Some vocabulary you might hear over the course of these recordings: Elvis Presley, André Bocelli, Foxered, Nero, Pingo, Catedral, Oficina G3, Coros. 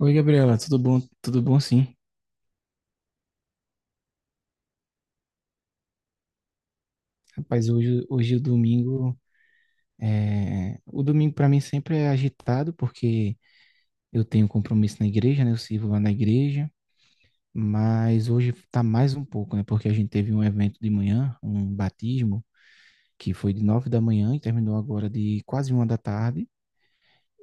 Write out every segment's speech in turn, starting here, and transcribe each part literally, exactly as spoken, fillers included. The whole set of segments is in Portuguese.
Oi, Gabriela, tudo bom? Tudo bom, sim. Rapaz, hoje, hoje é o domingo é... O domingo para mim sempre é agitado, porque eu tenho compromisso na igreja, né? Eu sirvo lá na igreja, mas hoje tá mais um pouco, né? Porque a gente teve um evento de manhã, um batismo, que foi de nove da manhã e terminou agora de quase uma da tarde.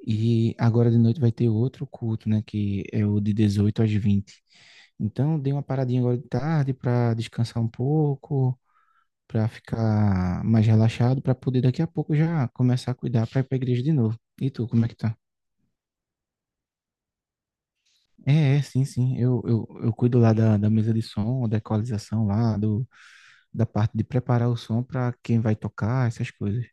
E agora de noite vai ter outro culto, né? Que é o de dezoito às vinte. Então, dei uma paradinha agora de tarde para descansar um pouco para ficar mais relaxado, para poder daqui a pouco já começar a cuidar para ir para a igreja de novo. E tu, como é que tá? É, é, sim, sim. Eu, eu, eu cuido lá da, da mesa de som, da equalização lá, do, da parte de preparar o som para quem vai tocar, essas coisas.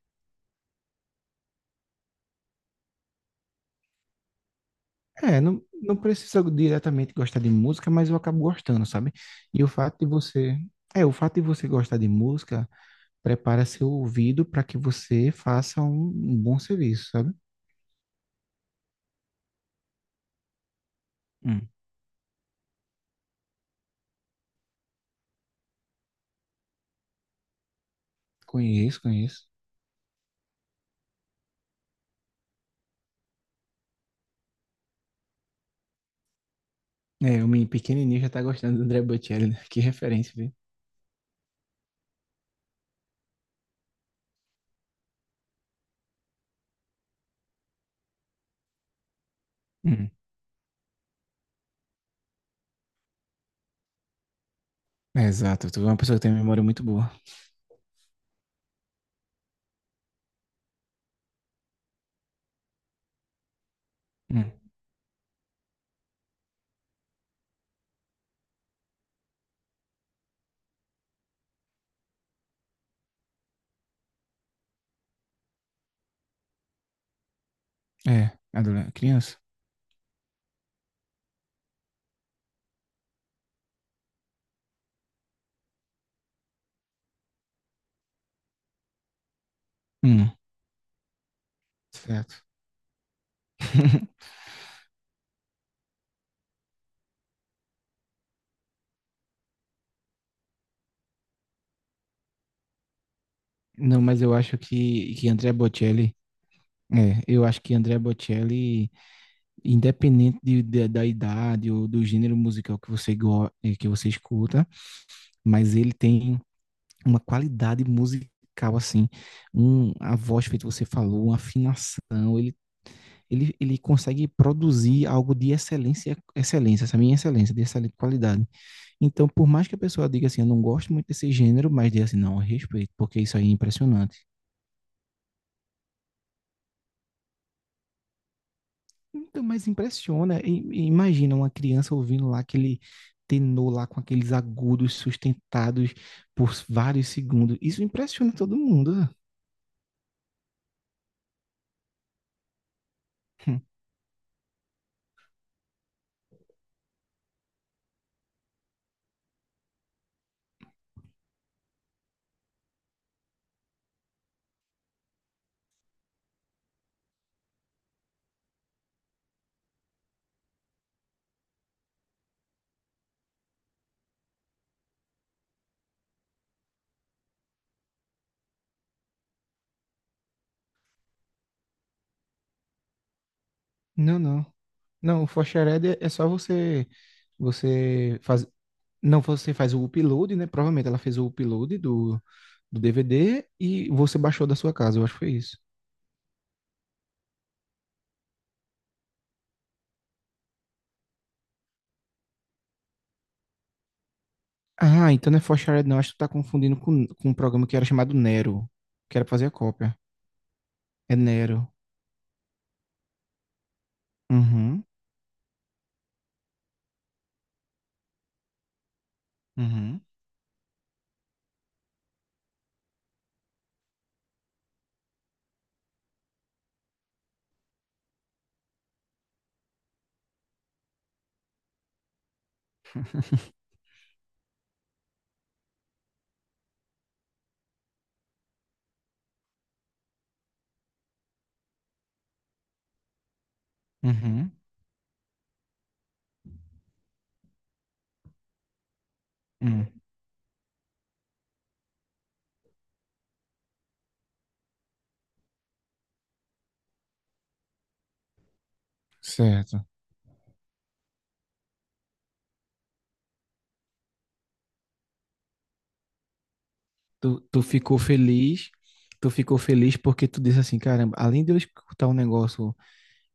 É, não, não precisa diretamente gostar de música, mas eu acabo gostando, sabe? E o fato de você. É, o fato de você gostar de música prepara seu ouvido para que você faça um, um bom serviço, sabe? Hum, conheço, conheço. É, o menino pequenininho já tá gostando do André Bocelli, né? Que referência, viu? Hum. É, exato. Tu é uma pessoa que tem uma memória muito boa. Hum. É, adolescente, criança. Hum, certo. Não, mas eu acho que, que André Bocelli... É, eu acho que André Bocelli, independente de- de- da idade ou do gênero musical que você, go, eh, que você escuta, mas ele tem uma qualidade musical, assim, um, a voz feito você falou, uma afinação, ele ele, ele consegue produzir algo de excelência, excelência, essa minha excelência, de excelente qualidade. Então, por mais que a pessoa diga assim, eu não gosto muito desse gênero, mas diga assim, não, eu respeito, porque isso aí é impressionante. Então, mas impressiona, e- e imagina uma criança ouvindo lá aquele tenor lá com aqueles agudos sustentados por vários segundos. Isso impressiona todo mundo. né? Hum. Não, não. Não, o Foxered é é só você você faz não, você faz o upload, né? Provavelmente ela fez o upload do do D V D e você baixou da sua casa, eu acho que foi isso. Ah, então não é For Shared não, acho que tu tá confundindo com, com um programa que era chamado Nero, que era pra fazer a cópia. É Nero. Uhum, uhum, uhum, hum. Certo. Tu, tu ficou feliz, tu ficou feliz porque tu disse assim, caramba, além de eu escutar um negócio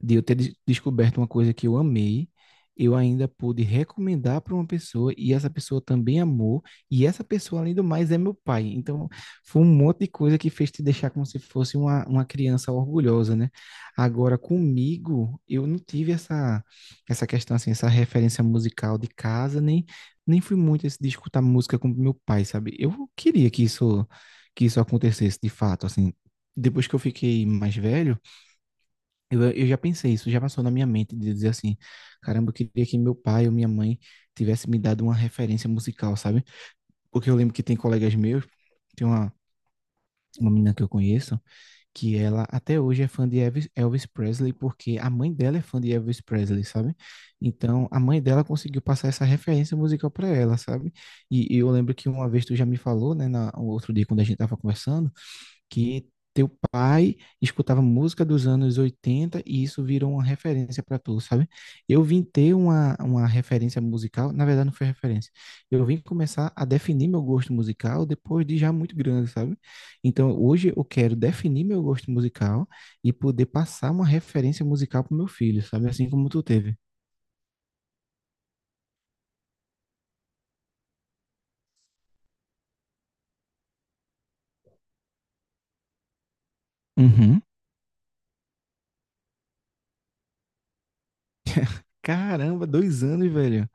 de eu ter des- descoberto uma coisa que eu amei, eu ainda pude recomendar para uma pessoa e essa pessoa também amou, e essa pessoa, além do mais, é meu pai. Então, foi um monte de coisa que fez te deixar como se fosse uma, uma criança orgulhosa, né? Agora, comigo, eu não tive essa, essa questão, assim, essa referência musical de casa, nem, nem fui muito esse de escutar música com meu pai, sabe? Eu queria que isso, que isso acontecesse de fato, assim. Depois que eu fiquei mais velho, eu, eu já pensei isso, já passou na minha mente de dizer assim, caramba, eu queria que meu pai ou minha mãe tivesse me dado uma referência musical, sabe? Porque eu lembro que tem colegas meus, tem uma, uma menina que eu conheço, que ela até hoje é fã de Elvis, Elvis Presley, porque a mãe dela é fã de Elvis Presley, sabe? Então, a mãe dela conseguiu passar essa referência musical para ela, sabe? E, e eu lembro que uma vez tu já me falou, né, na, outro dia quando a gente tava conversando, que teu pai escutava música dos anos oitenta e isso virou uma referência para tu, sabe? Eu vim ter uma, uma referência musical, na verdade não foi referência. Eu vim começar a definir meu gosto musical depois de já muito grande, sabe? Então hoje eu quero definir meu gosto musical e poder passar uma referência musical pro meu filho, sabe? Assim como tu teve. Uhum. Caramba, dois anos, velho.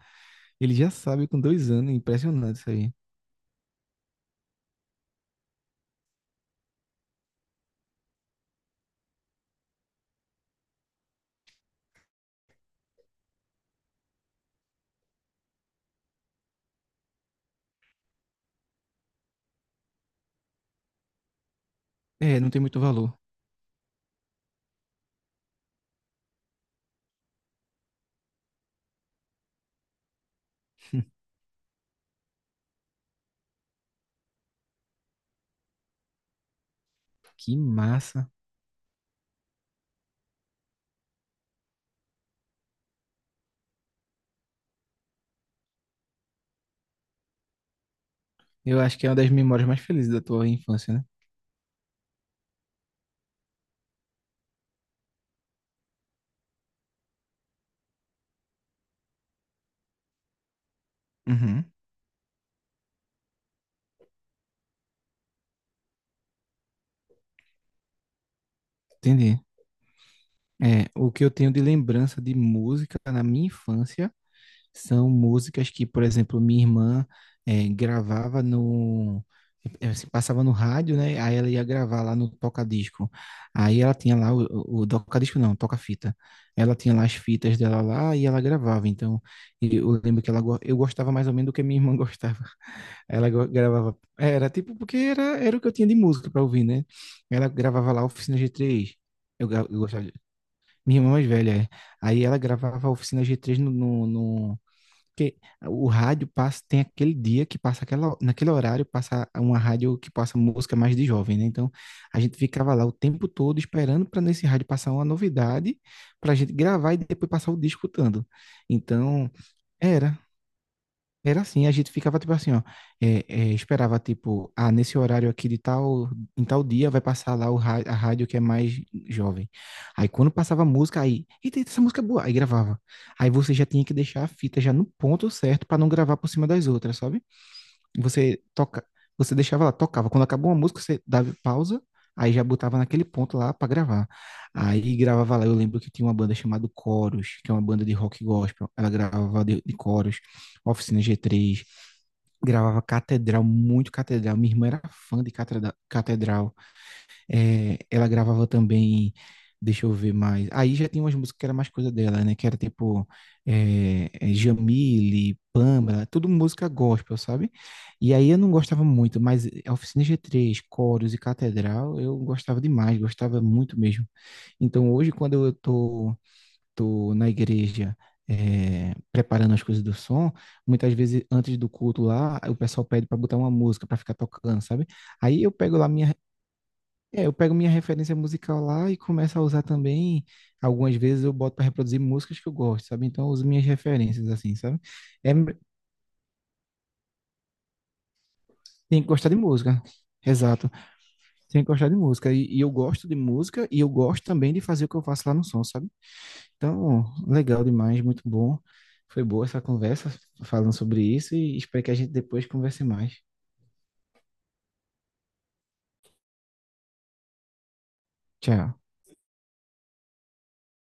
Ele já sabe com dois anos, impressionante isso aí. É, não tem muito valor. Que massa. Eu acho que é uma das memórias mais felizes da tua infância, né? Uhum. Entendi. É, o que eu tenho de lembrança de música na minha infância são músicas que, por exemplo, minha irmã é, gravava no. é, se Passava no rádio, né? Aí ela ia gravar lá no toca-disco. Aí ela tinha lá o, o o toca-disco, não, toca-fita. Ela tinha lá as fitas dela lá e ela gravava. Então, eu eu lembro que ela, go- eu gostava mais ou menos do que minha irmã gostava. Ela gra- gravava, era tipo, porque era, era o que eu tinha de música para ouvir, né? Ela gravava lá Oficina G três. Eu, gra- eu gostava, de- minha irmã mais velha, é. Aí ela gravava Oficina G três no, no, no- porque o rádio passa, tem aquele dia que passa aquela, naquele horário passa uma rádio que passa música mais de jovem, né? Então a gente ficava lá o tempo todo esperando para nesse rádio passar uma novidade para gente gravar e depois passar o dia escutando. Então, era, era, assim, a gente ficava tipo assim, ó, é, é, esperava tipo, ah, nesse horário aqui de tal, em tal dia vai passar lá o ra- a rádio que é mais jovem. Aí quando passava a música, aí, eita, eita, essa música é boa, aí gravava. Aí você já tinha que deixar a fita já no ponto certo para não gravar por cima das outras, sabe? Você toca, você deixava lá, tocava. Quando acabou uma música, você dava pausa, aí já botava naquele ponto lá para gravar. Aí gravava lá, eu lembro que tinha uma banda chamada Coros, que é uma banda de rock gospel, ela gravava de de coros. Oficina G três, gravava Catedral, muito Catedral. Minha irmã era fã de Catreda- Catedral. É, ela gravava também, deixa eu ver mais. Aí já tinha umas músicas que era mais coisa dela, né? Que era tipo é, é, Jamile, Pâmela, tudo música gospel, sabe? E aí eu não gostava muito, mas a Oficina G três, Coros e Catedral, eu gostava demais, gostava muito mesmo. Então hoje, quando eu tô tô na igreja é, preparando as coisas do som, muitas vezes antes do culto lá, o pessoal pede para botar uma música para ficar tocando, sabe? Aí eu pego lá minha, é, eu pego minha referência musical lá e começo a usar também. Algumas vezes eu boto para reproduzir músicas que eu gosto, sabe? Então eu uso minhas referências assim, sabe? É, tem que gostar de música. Exato. Tem que gostar de música. E, e eu gosto de música e eu gosto também de fazer o que eu faço lá no som, sabe? Então, legal demais, muito bom. Foi boa essa conversa falando sobre isso e espero que a gente depois converse mais. Tchau.